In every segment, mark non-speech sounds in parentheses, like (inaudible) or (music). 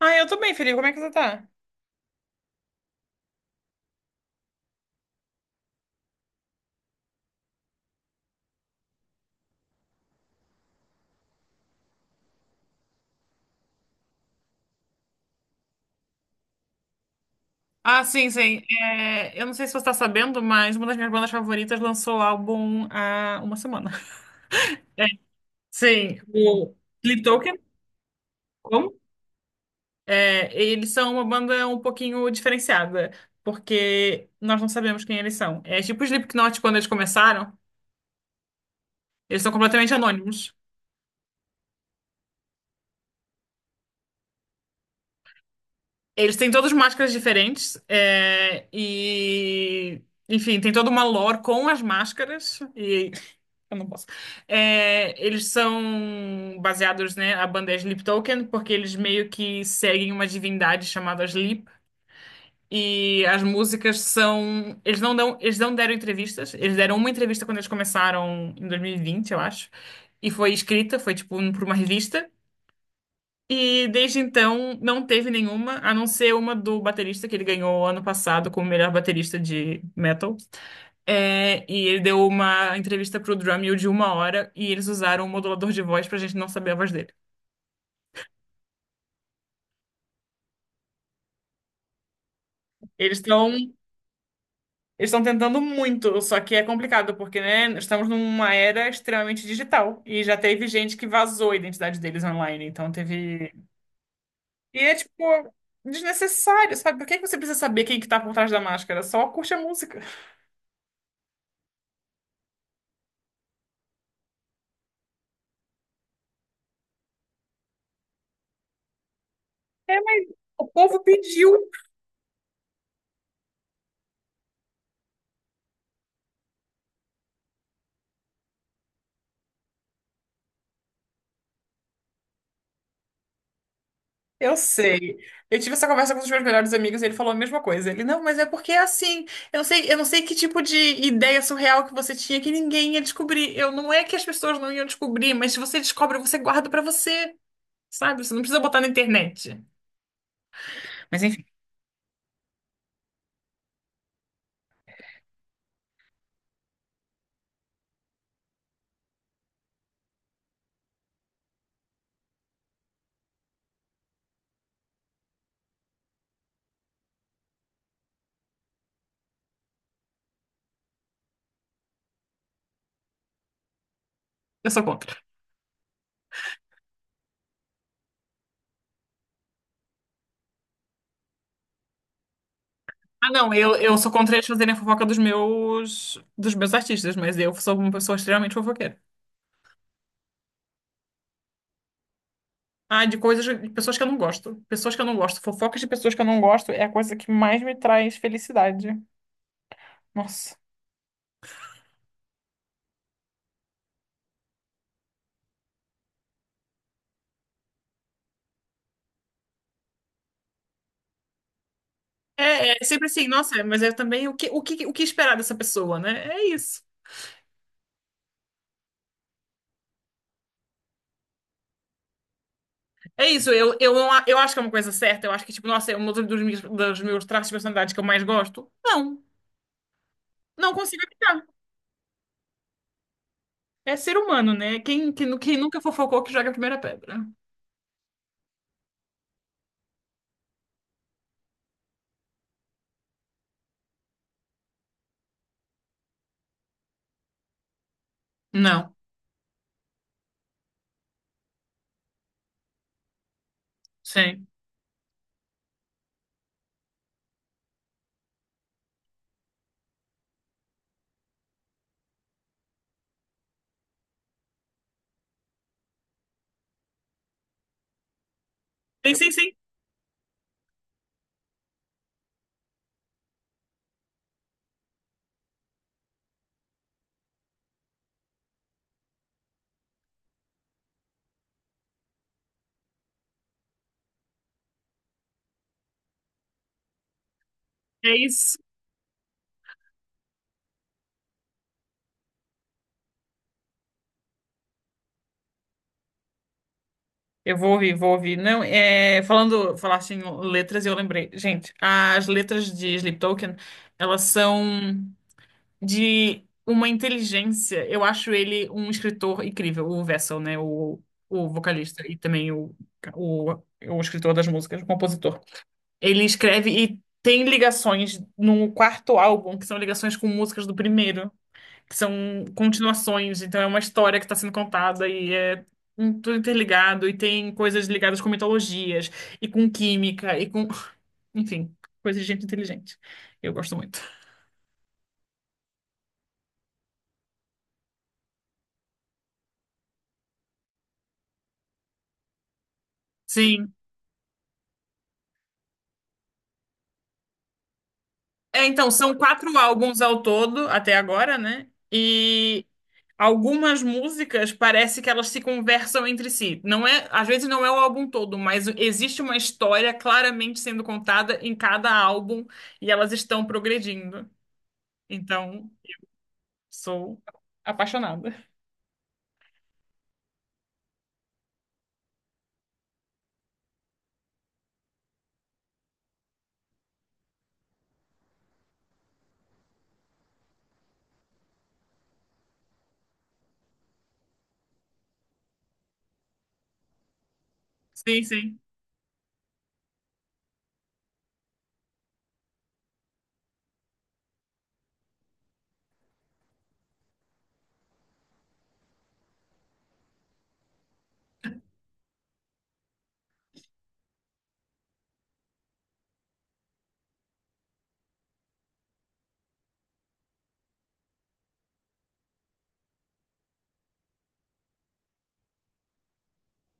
Ah, eu tô bem, Felipe. Como é que você tá? Ah, sim, sim. É, eu não sei se você está sabendo, mas uma das minhas bandas favoritas lançou o álbum há uma semana. (laughs) Sim, o Sleep, como? É, eles são uma banda um pouquinho diferenciada, porque nós não sabemos quem eles são. É tipo o Slipknot quando eles começaram, eles são completamente anônimos. Eles têm todas máscaras diferentes, é, e enfim, tem toda uma lore com as máscaras, e eu não posso. É, eles são baseados, né? A banda é Sleeptoken, porque eles meio que seguem uma divindade chamada Sleep. E as músicas são. Eles não dão, eles não deram entrevistas. Eles deram uma entrevista quando eles começaram em 2020, eu acho. E foi escrita, foi tipo por uma revista. E desde então não teve nenhuma, a não ser uma do baterista que ele ganhou ano passado como melhor baterista de metal. É, e ele deu uma entrevista pro Drumeo de uma hora e eles usaram um modulador de voz pra gente não saber a voz dele. Eles estão eles estão tentando muito, só que é complicado, porque, né, estamos numa era extremamente digital e já teve gente que vazou a identidade deles online, então teve. E é, tipo, desnecessário, sabe? Por que que você precisa saber quem que tá por trás da máscara? Só curte a música. É, mas o povo pediu. Eu sei. Eu tive essa conversa com um dos meus melhores amigos e ele falou a mesma coisa. Ele, não, mas é porque é assim. Eu não sei que tipo de ideia surreal que você tinha que ninguém ia descobrir. Eu não é que as pessoas não iam descobrir, mas se você descobre, você guarda pra você, sabe? Você não precisa botar na internet. Mas enfim, eu sou contra. Ah, não, eu sou contra eles fazerem a fofoca dos meus artistas, mas eu sou uma pessoa extremamente fofoqueira. Ah, de coisas, de pessoas que eu não gosto. Pessoas que eu não gosto. Fofocas de pessoas que eu não gosto é a coisa que mais me traz felicidade. Nossa. É, é sempre assim, nossa, mas é também o que esperar dessa pessoa, né? É isso. É isso, eu não, eu acho que é uma coisa certa, eu acho que, tipo, nossa, é um dos meus traços de personalidade que eu mais gosto. Não, não consigo evitar. É ser humano, né? Quem nunca fofocou que joga a primeira pedra. Não, sim. Sim, sim, sim. É isso. Eu vou ouvir, vou ouvir. Não, é, falando, falaste em letras e eu lembrei. Gente, as letras de Sleep Token, elas são de uma inteligência. Eu acho ele um escritor incrível, o Vessel, né? O o vocalista e também o, o escritor das músicas, o compositor. Ele escreve e tem ligações no quarto álbum, que são ligações com músicas do primeiro, que são continuações, então é uma história que está sendo contada e é tudo interligado, e tem coisas ligadas com mitologias, e com química, e com. (laughs) Enfim, coisa de gente inteligente. Eu gosto muito. Sim. É, então, são quatro álbuns ao todo, até agora, né? E algumas músicas parece que elas se conversam entre si. Não é, às vezes não é o álbum todo, mas existe uma história claramente sendo contada em cada álbum e elas estão progredindo. Então, sou apaixonada. Sim, sim.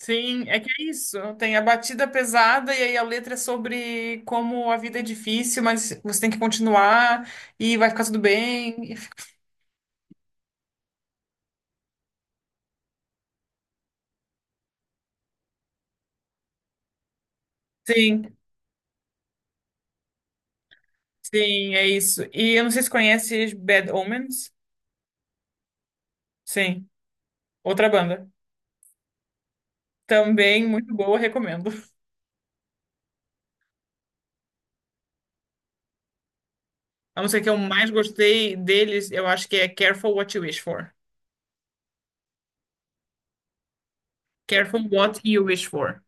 Sim, é que é isso. Tem a batida pesada e aí a letra é sobre como a vida é difícil, mas você tem que continuar e vai ficar tudo bem. Sim. Sim, é isso. E eu não sei se conhece Bad Omens. Sim, outra banda. Também muito boa, recomendo. A música que eu mais gostei deles, eu acho que é Careful What You Wish For. Careful What You Wish For.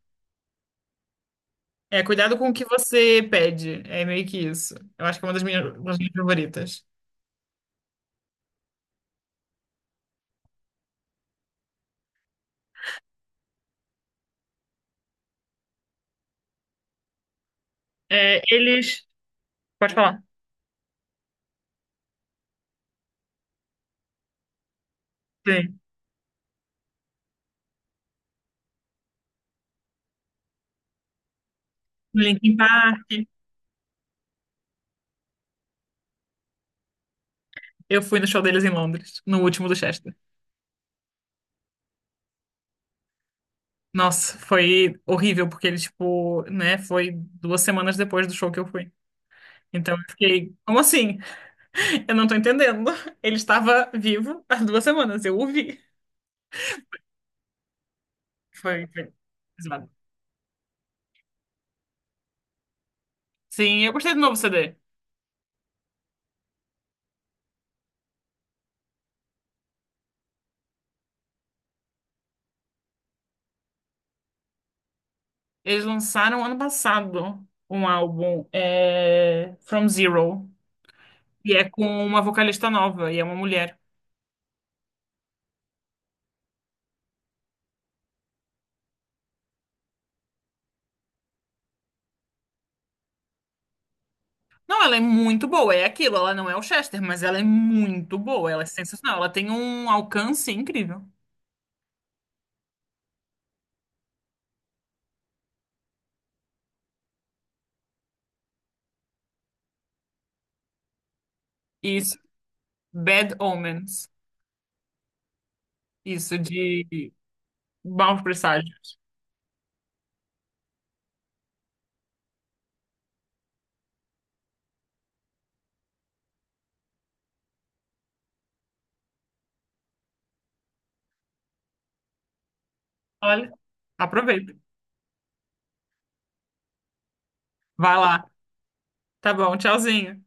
É, cuidado com o que você pede. É meio que isso. Eu acho que é uma das minhas favoritas. É, eles. Pode falar. Sim. Linkin Park. Eu fui no show deles em Londres, no último do Chester. Nossa, foi horrível, porque ele, tipo, né, foi 2 semanas depois do show que eu fui. Então eu fiquei, como assim? Eu não tô entendendo. Ele estava vivo há 2 semanas, eu ouvi. Foi, foi pesado. Sim, eu gostei do novo CD. Eles lançaram ano passado um álbum, é, From Zero, e é com uma vocalista nova, e é uma mulher. Não, ela é muito boa, é aquilo, ela não é o Chester, mas ela é muito boa, ela é sensacional, ela tem um alcance incrível. Isso, Bad Omens, isso de maus presságios. Olha, aproveita. Vai lá. Tá bom, tchauzinho.